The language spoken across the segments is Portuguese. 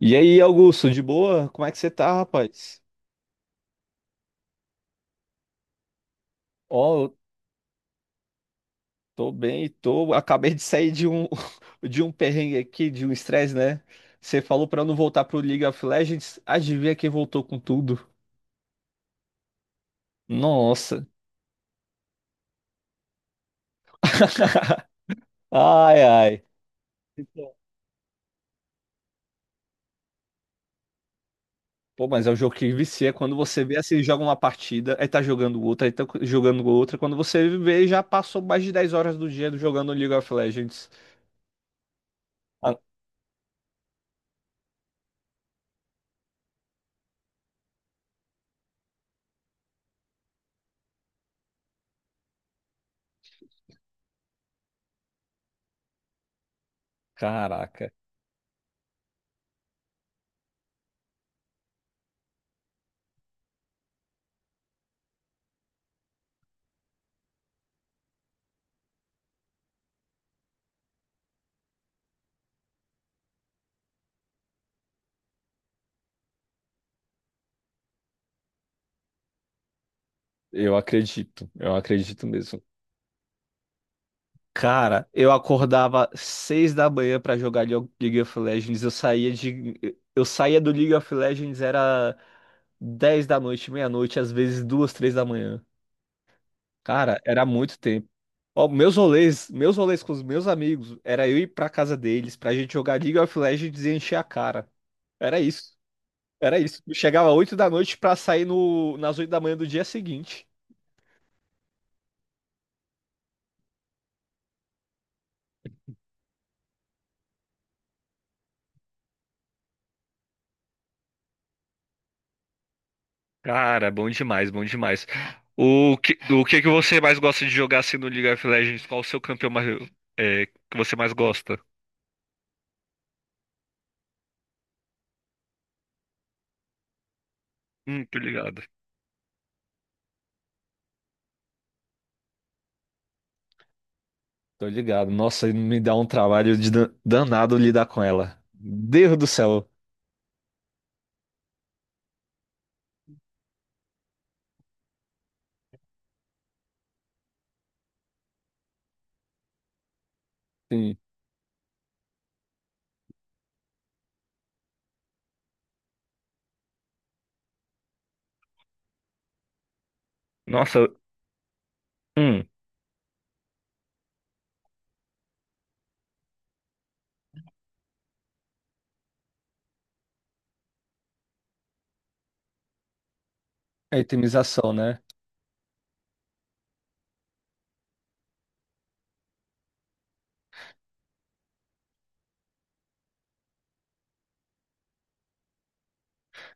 E aí, Augusto, de boa? Como é que você tá, rapaz? Ó, eu tô bem, tô. Acabei de sair de um de um perrengue aqui, de um estresse, né? Você falou pra eu não voltar pro League of Legends. Adivinha quem voltou com tudo? Nossa. Ai, ai. Então. Pô, mas é um jogo que vicia. Quando você vê assim, joga uma partida, aí tá jogando outra, aí tá jogando outra. Quando você vê, já passou mais de 10 horas do dia jogando League of Legends. Ah, caraca. Eu acredito mesmo. Cara, eu acordava 6 da manhã pra jogar League of Legends. Eu saía do League of Legends era 10 da noite, meia-noite, às vezes duas, três da manhã. Cara, era muito tempo. Ó, meus rolês com os meus amigos, era eu ir pra casa deles pra gente jogar League of Legends e encher a cara. Era isso. Era isso. Eu chegava 8 da noite pra sair no, nas 8 da manhã do dia seguinte. Cara, bom demais, bom demais. O que que você mais gosta de jogar assim no League of Legends? Qual o seu campeão mais, que você mais gosta? Tô ligado. Tô ligado. Nossa, me dá um trabalho de danado lidar com ela. Deus do céu. Sim. Nossa, hum, A itemização, né?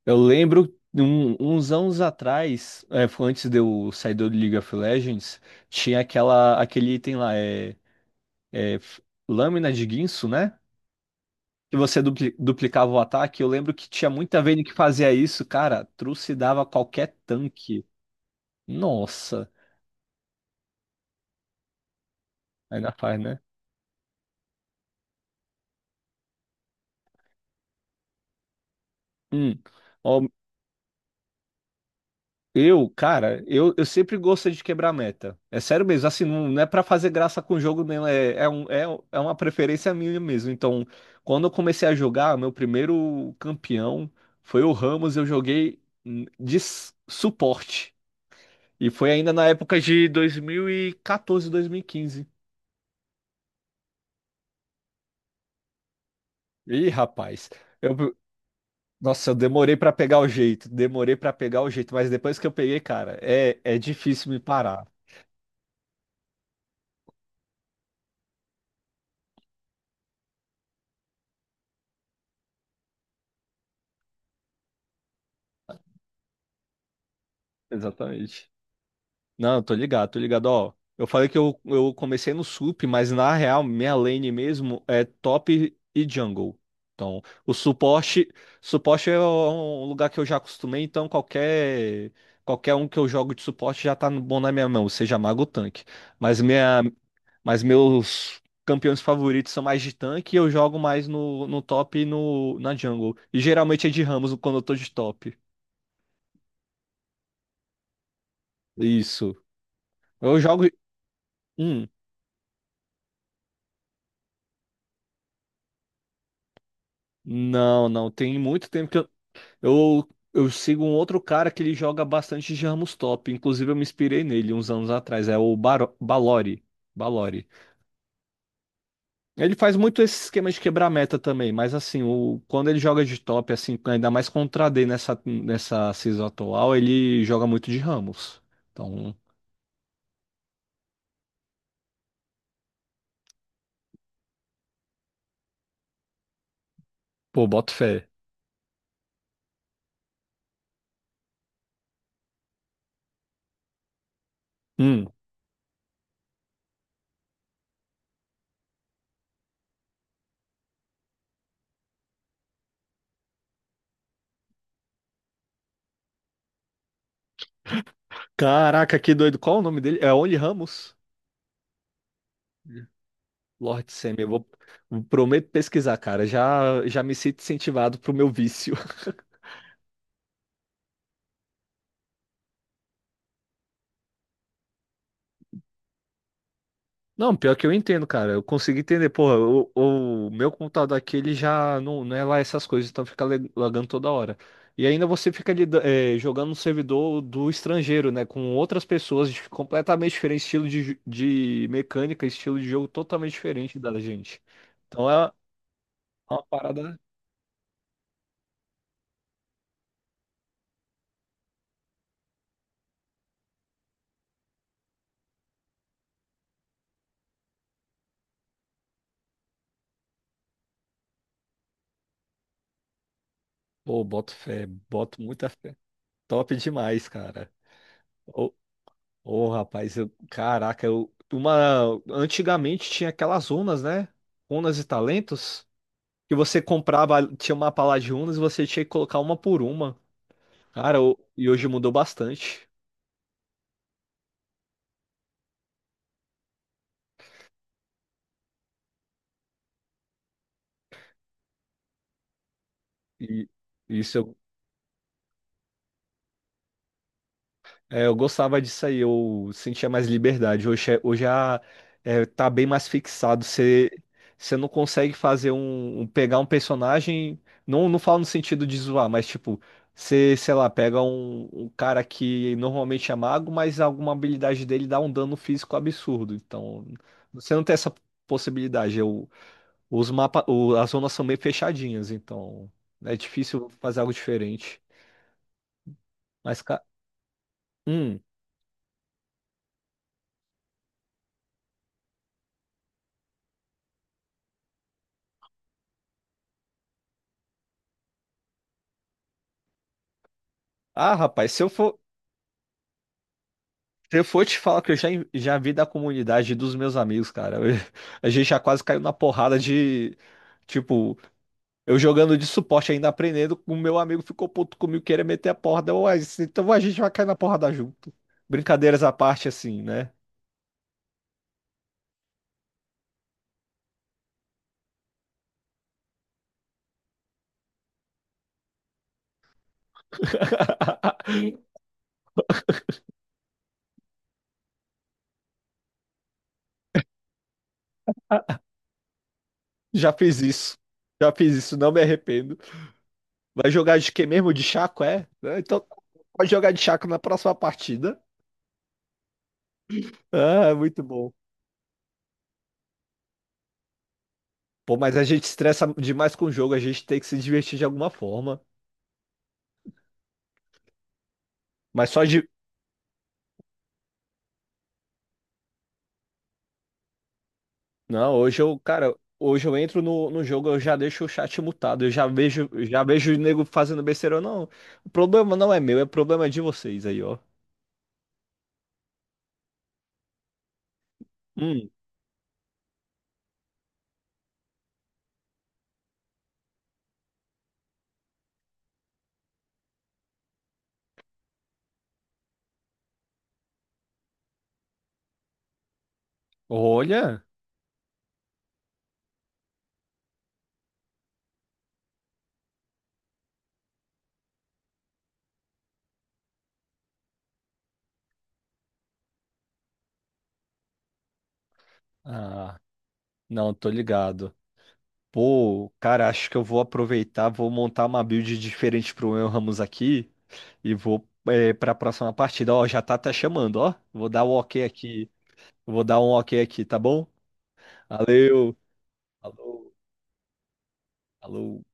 Eu lembro uns anos atrás, foi antes de eu sair do League of Legends, tinha aquele item lá, é f- lâmina de guinso, né? que você duplicava o ataque. Eu lembro que tinha muita Vayne que fazia isso, cara. Trucidava qualquer tanque. Nossa, ainda faz, né? Hum. Ó, cara, eu sempre gosto de quebrar meta. É sério mesmo, assim, não, não é pra fazer graça com o jogo, não. É uma preferência minha mesmo. Então, quando eu comecei a jogar, meu primeiro campeão foi o Ramos. Eu joguei de suporte. E foi ainda na época de dois mil e quatorze, 2015. Ih, rapaz, eu, nossa, eu demorei pra pegar o jeito, demorei pra pegar o jeito, mas depois que eu peguei, cara, é difícil me parar. Exatamente. Não, eu tô ligado, ó. Eu falei que eu comecei no sup, mas na real, minha lane mesmo é top e jungle. Então, suporte é um lugar que eu já acostumei, então qualquer um que eu jogo de suporte já tá bom na minha mão, seja mago ou tanque. Mas minha Mas meus campeões favoritos são mais de tanque e eu jogo mais no top e no, na jungle. E geralmente é de Ramos quando eu tô de top. Isso. Eu jogo. Hum, não, não. Tem muito tempo que eu. Eu sigo um outro cara que ele joga bastante de Ramos top. Inclusive, eu me inspirei nele uns anos atrás. É o Balori. Balori. Ele faz muito esse esquema de quebrar meta também, mas assim, quando ele joga de top, assim, ainda mais contra a AD nessa season atual, ele joga muito de Ramos. Então, pô, boto fé. Hum. Caraca, que doido. Qual o nome dele? É Only Ramos? Lord Semi, prometo pesquisar, cara. Já me sinto incentivado pro meu vício. Não, pior que eu entendo, cara. Eu consegui entender. Porra, o meu computador aqui, ele já não é lá essas coisas, então fica lagando toda hora. E ainda você fica jogando no servidor do estrangeiro, né? Com outras pessoas completamente diferentes, estilo de mecânica, estilo de jogo totalmente diferente da gente. Então é uma parada. Pô, boto fé, boto muita fé. Top demais, cara. Ô, ô, rapaz, caraca, antigamente tinha aquelas runas, né? Runas e talentos, que você comprava, tinha uma pala de unas e você tinha que colocar uma por uma. Cara, e hoje mudou bastante. E isso eu, eu gostava disso aí, eu sentia mais liberdade. Hoje, tá bem mais fixado. Você não consegue fazer pegar um personagem. Não, não falo no sentido de zoar, mas tipo, você, sei lá, pega um cara que normalmente é mago, mas alguma habilidade dele dá um dano físico absurdo. Então, você não tem essa possibilidade. Os mapas, as zonas são meio fechadinhas, então né, é difícil fazer algo diferente. Mas, cara, hum. Ah, rapaz, se eu for te falar que eu já vi da comunidade dos meus amigos, cara, eu a gente já quase caiu na porrada de, tipo, eu jogando de suporte ainda aprendendo, o meu amigo ficou puto comigo, queria meter a porrada, eu, Ué, então a gente vai cair na porrada junto. Brincadeiras à parte, assim, né? Já fiz isso, já fiz isso, não me arrependo. Vai jogar de quê mesmo? De Chaco, é? Ah, então pode jogar de Chaco na próxima partida. Ah, é muito bom. Pô, mas a gente estressa demais com o jogo, a gente tem que se divertir de alguma forma. Mas só de. Não, cara, hoje eu entro no jogo, eu já deixo o chat mutado, eu já vejo o nego fazendo besteira. Não, o problema não é meu, é problema de vocês aí, ó. Hum, olha. Ah, não, tô ligado. Pô, cara, acho que eu vou aproveitar, vou montar uma build diferente pro meu Ramos aqui e vou para a próxima partida. Ó, já tá até chamando, ó. Vou dar o ok aqui. Vou dar um ok aqui, tá bom? Valeu. Alô, alô.